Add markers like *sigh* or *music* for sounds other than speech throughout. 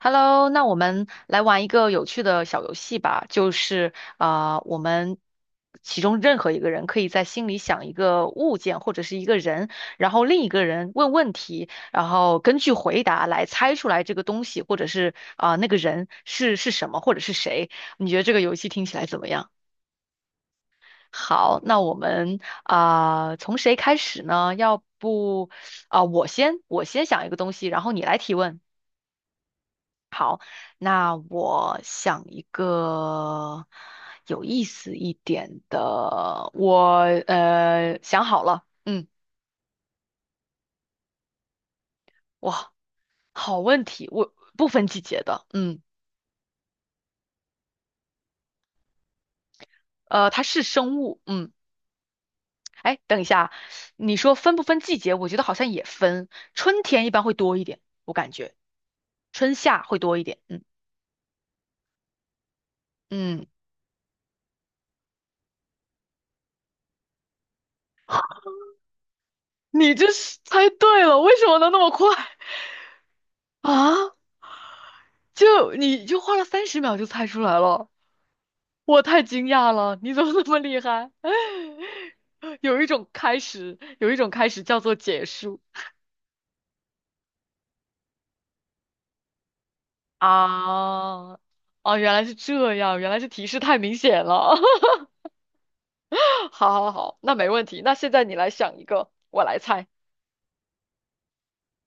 Hello，那我们来玩一个有趣的小游戏吧，就是啊、我们其中任何一个人可以在心里想一个物件或者是一个人，然后另一个人问问题，然后根据回答来猜出来这个东西或者是啊、那个人是什么或者是谁。你觉得这个游戏听起来怎么样？好，那我们啊、从谁开始呢？要不啊、我先想一个东西，然后你来提问。那我想一个有意思一点的，我想好了，嗯。哇，好问题，我不分季节的，嗯。它是生物，嗯。哎，等一下，你说分不分季节？我觉得好像也分，春天一般会多一点，我感觉春夏会多一点，嗯。嗯，你这是猜对了，为什么能那么快？ *laughs* 啊？你就花了30秒就猜出来了。我太惊讶了，你怎么那么厉害？*laughs* 有一种开始，有一种开始叫做结束啊！哦，原来是这样，原来是提示太明显了。*laughs* 好好好，那没问题。那现在你来想一个，我来猜。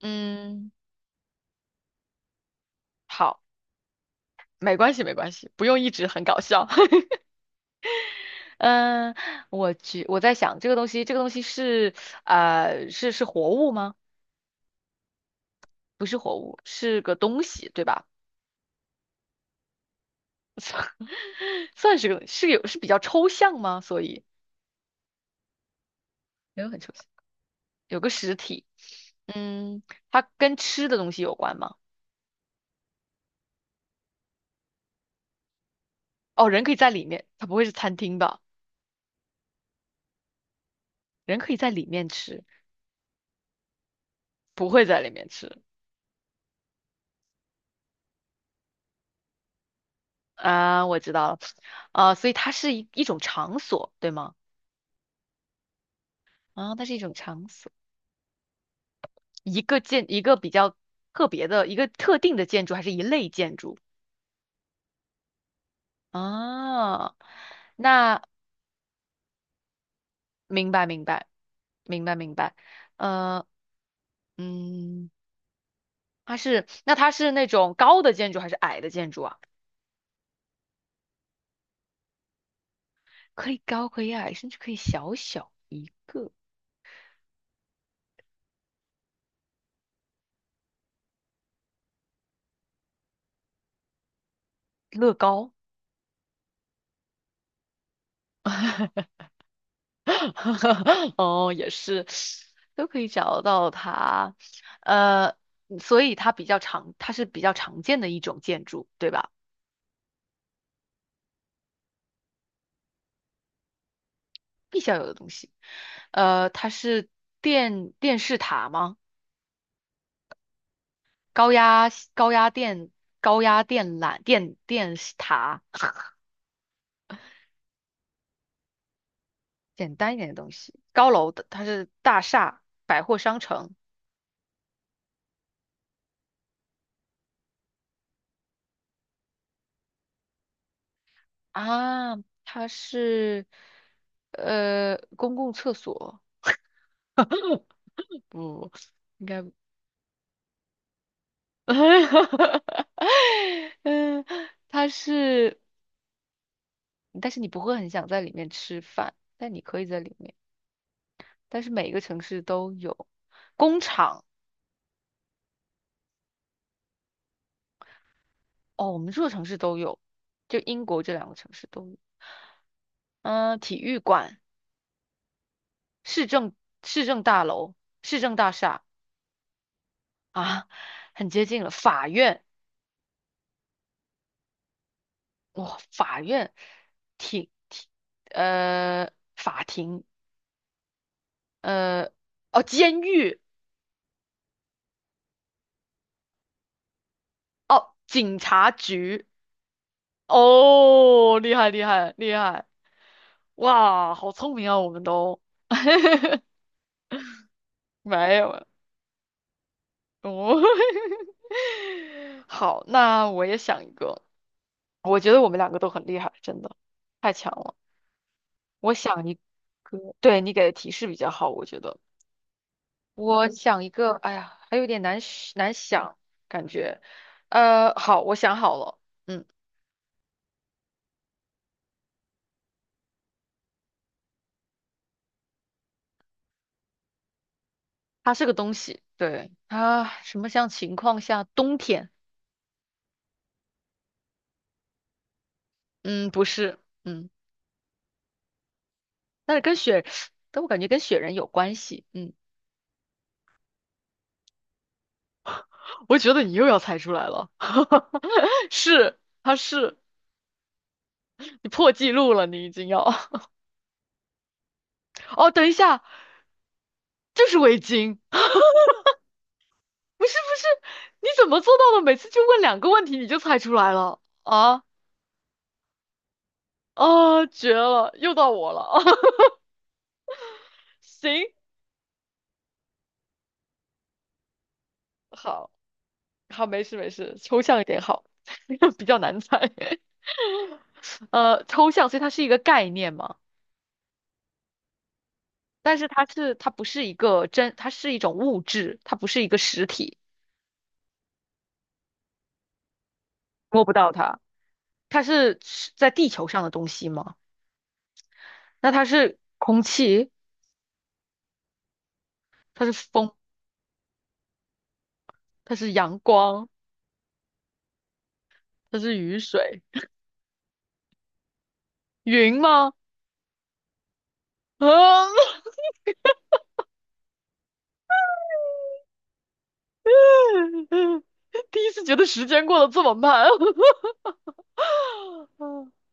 嗯，好，没关系，没关系，不用一直很搞笑。*laughs* 嗯，我在想这个东西，这个东西是是活物吗？不是活物，是个东西，对吧？算是个是有是比较抽象吗？所以没有很抽象，有个实体。嗯，它跟吃的东西有关吗？哦，人可以在里面，它不会是餐厅吧？人可以在里面吃，不会在里面吃。啊，我知道了，啊，所以它是一种场所，对吗？啊，它是一种场所，一个比较特别的一个特定的建筑，还是一类建筑啊？那，明白明白，明白明白。呃嗯。它是，那它是那种高的建筑还是矮的建筑啊？*laughs* 可以高，可以矮，甚至可以小小一个。乐高。*laughs* 哦，也是，都可以找到它。呃，所以它比较常，它是比较常见的一种建筑，对吧？必须要有的东西。呃，它是电视塔吗？高压电高压电缆电视塔。简单一点的东西。高楼的，它是大厦、百货商城。啊，它是公共厕所。*laughs* 不，应该不。*laughs* 嗯，它是，但是你不会很想在里面吃饭，但你可以在里面，但是每一个城市都有工厂。哦，我们这个城市都有，就英国这两个城市都有，嗯，体育馆、市政市政大楼、市政大厦。啊，很接近了。法院，哇，法院，庭庭，呃，法庭。呃，哦，监狱，警察局，哦，厉害厉害厉害，哇，好聪明啊，我们都 *laughs* 没有了。哦。*laughs* 好，那我也想一个，我觉得我们两个都很厉害，真的太强了。我想一个，对你给的提示比较好，我觉得。我想一个，哎呀，还有点难是难想，感觉，呃，好，我想好了，嗯。它是个东西，对，它什么像情况下，冬天。嗯，不是。嗯，但是跟雪，但我感觉跟雪人有关系，嗯。我觉得你又要猜出来了。*laughs* 是，它是，你破纪录了，你已经要，*laughs* 哦，等一下，就是围巾。*laughs* 不是不是，你怎么做到的？每次就问两个问题你就猜出来了啊？啊，绝了，又到我了。*laughs* 行。好，好，没事没事，抽象一点好，*laughs* 比较难猜。*laughs* 呃，抽象，所以它是一个概念嘛，但是它是它不是一个真，它是一种物质，它不是一个实体，摸不到它。它是在地球上的东西吗？那它是空气，它是风，它是阳光，它是雨水，云吗？啊。*laughs* 第一次觉得时间过得这么慢。*laughs*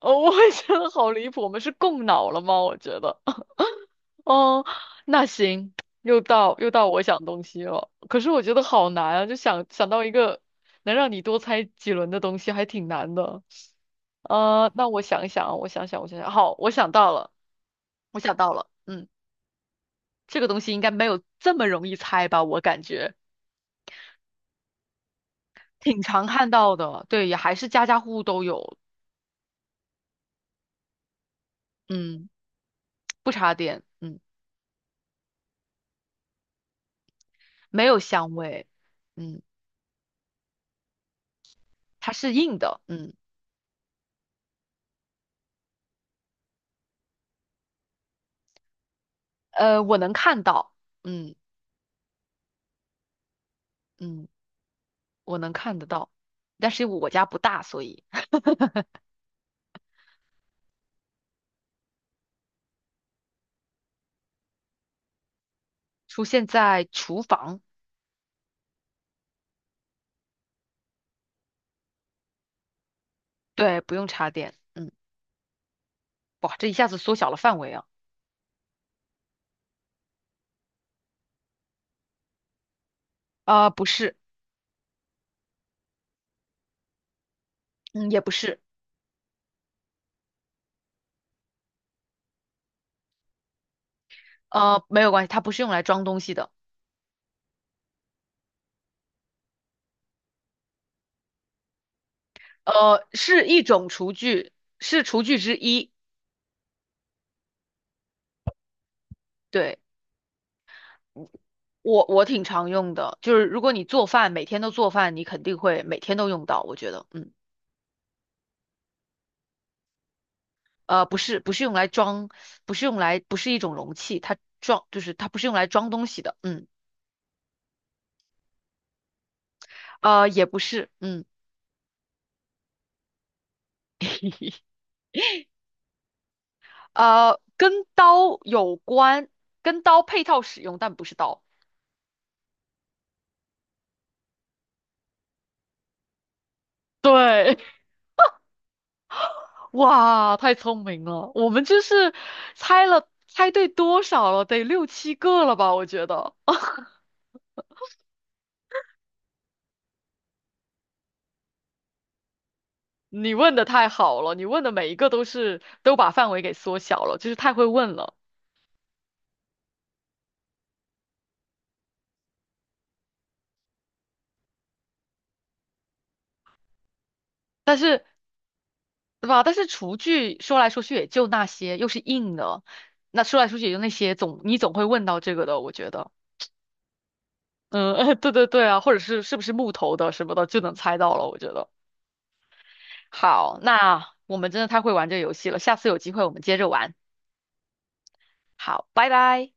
哦，我也觉得好离谱，我们是共脑了吗？我觉得。哦，那行，又到我想东西了。可是我觉得好难啊，就想想到一个能让你多猜几轮的东西，还挺难的。呃，那我想一想啊，我想想，我想想，好，我想到了，我想到了，嗯。这个东西应该没有这么容易猜吧？我感觉挺常看到的，对，也还是家家户户都有，嗯。不插电，嗯。没有香味，嗯。它是硬的，嗯。呃，我能看到，嗯。嗯，我能看得到，但是我家不大，所以 *laughs* 出现在厨房，对，不用插电，嗯。哇，这一下子缩小了范围啊。啊、不是。嗯，也不是。呃，没有关系，它不是用来装东西的。呃，是一种厨具，是厨具之一。对，我挺常用的，就是如果你做饭，每天都做饭，你肯定会每天都用到，我觉得，嗯。呃，不是用来装，不是一种容器，它装就是它不是用来装东西的，嗯。呃，也不是，嗯。呃，跟刀有关，跟刀配套使用，但不是刀。对。*laughs* 哇，太聪明了，我们就是猜了猜对多少了？得六七个了吧？我觉得你问的太好了，你问的每一个都是都把范围给缩小了，就是太会问了。但是，对吧？但是厨具说来说去也就那些，又是硬的，那说来说去也就那些，你总会问到这个的，我觉得。嗯。*laughs* 对对对啊，或者是是不是木头的什么的，就能猜到了，我觉得。好，那我们真的太会玩这个游戏了，下次有机会我们接着玩。好，拜拜。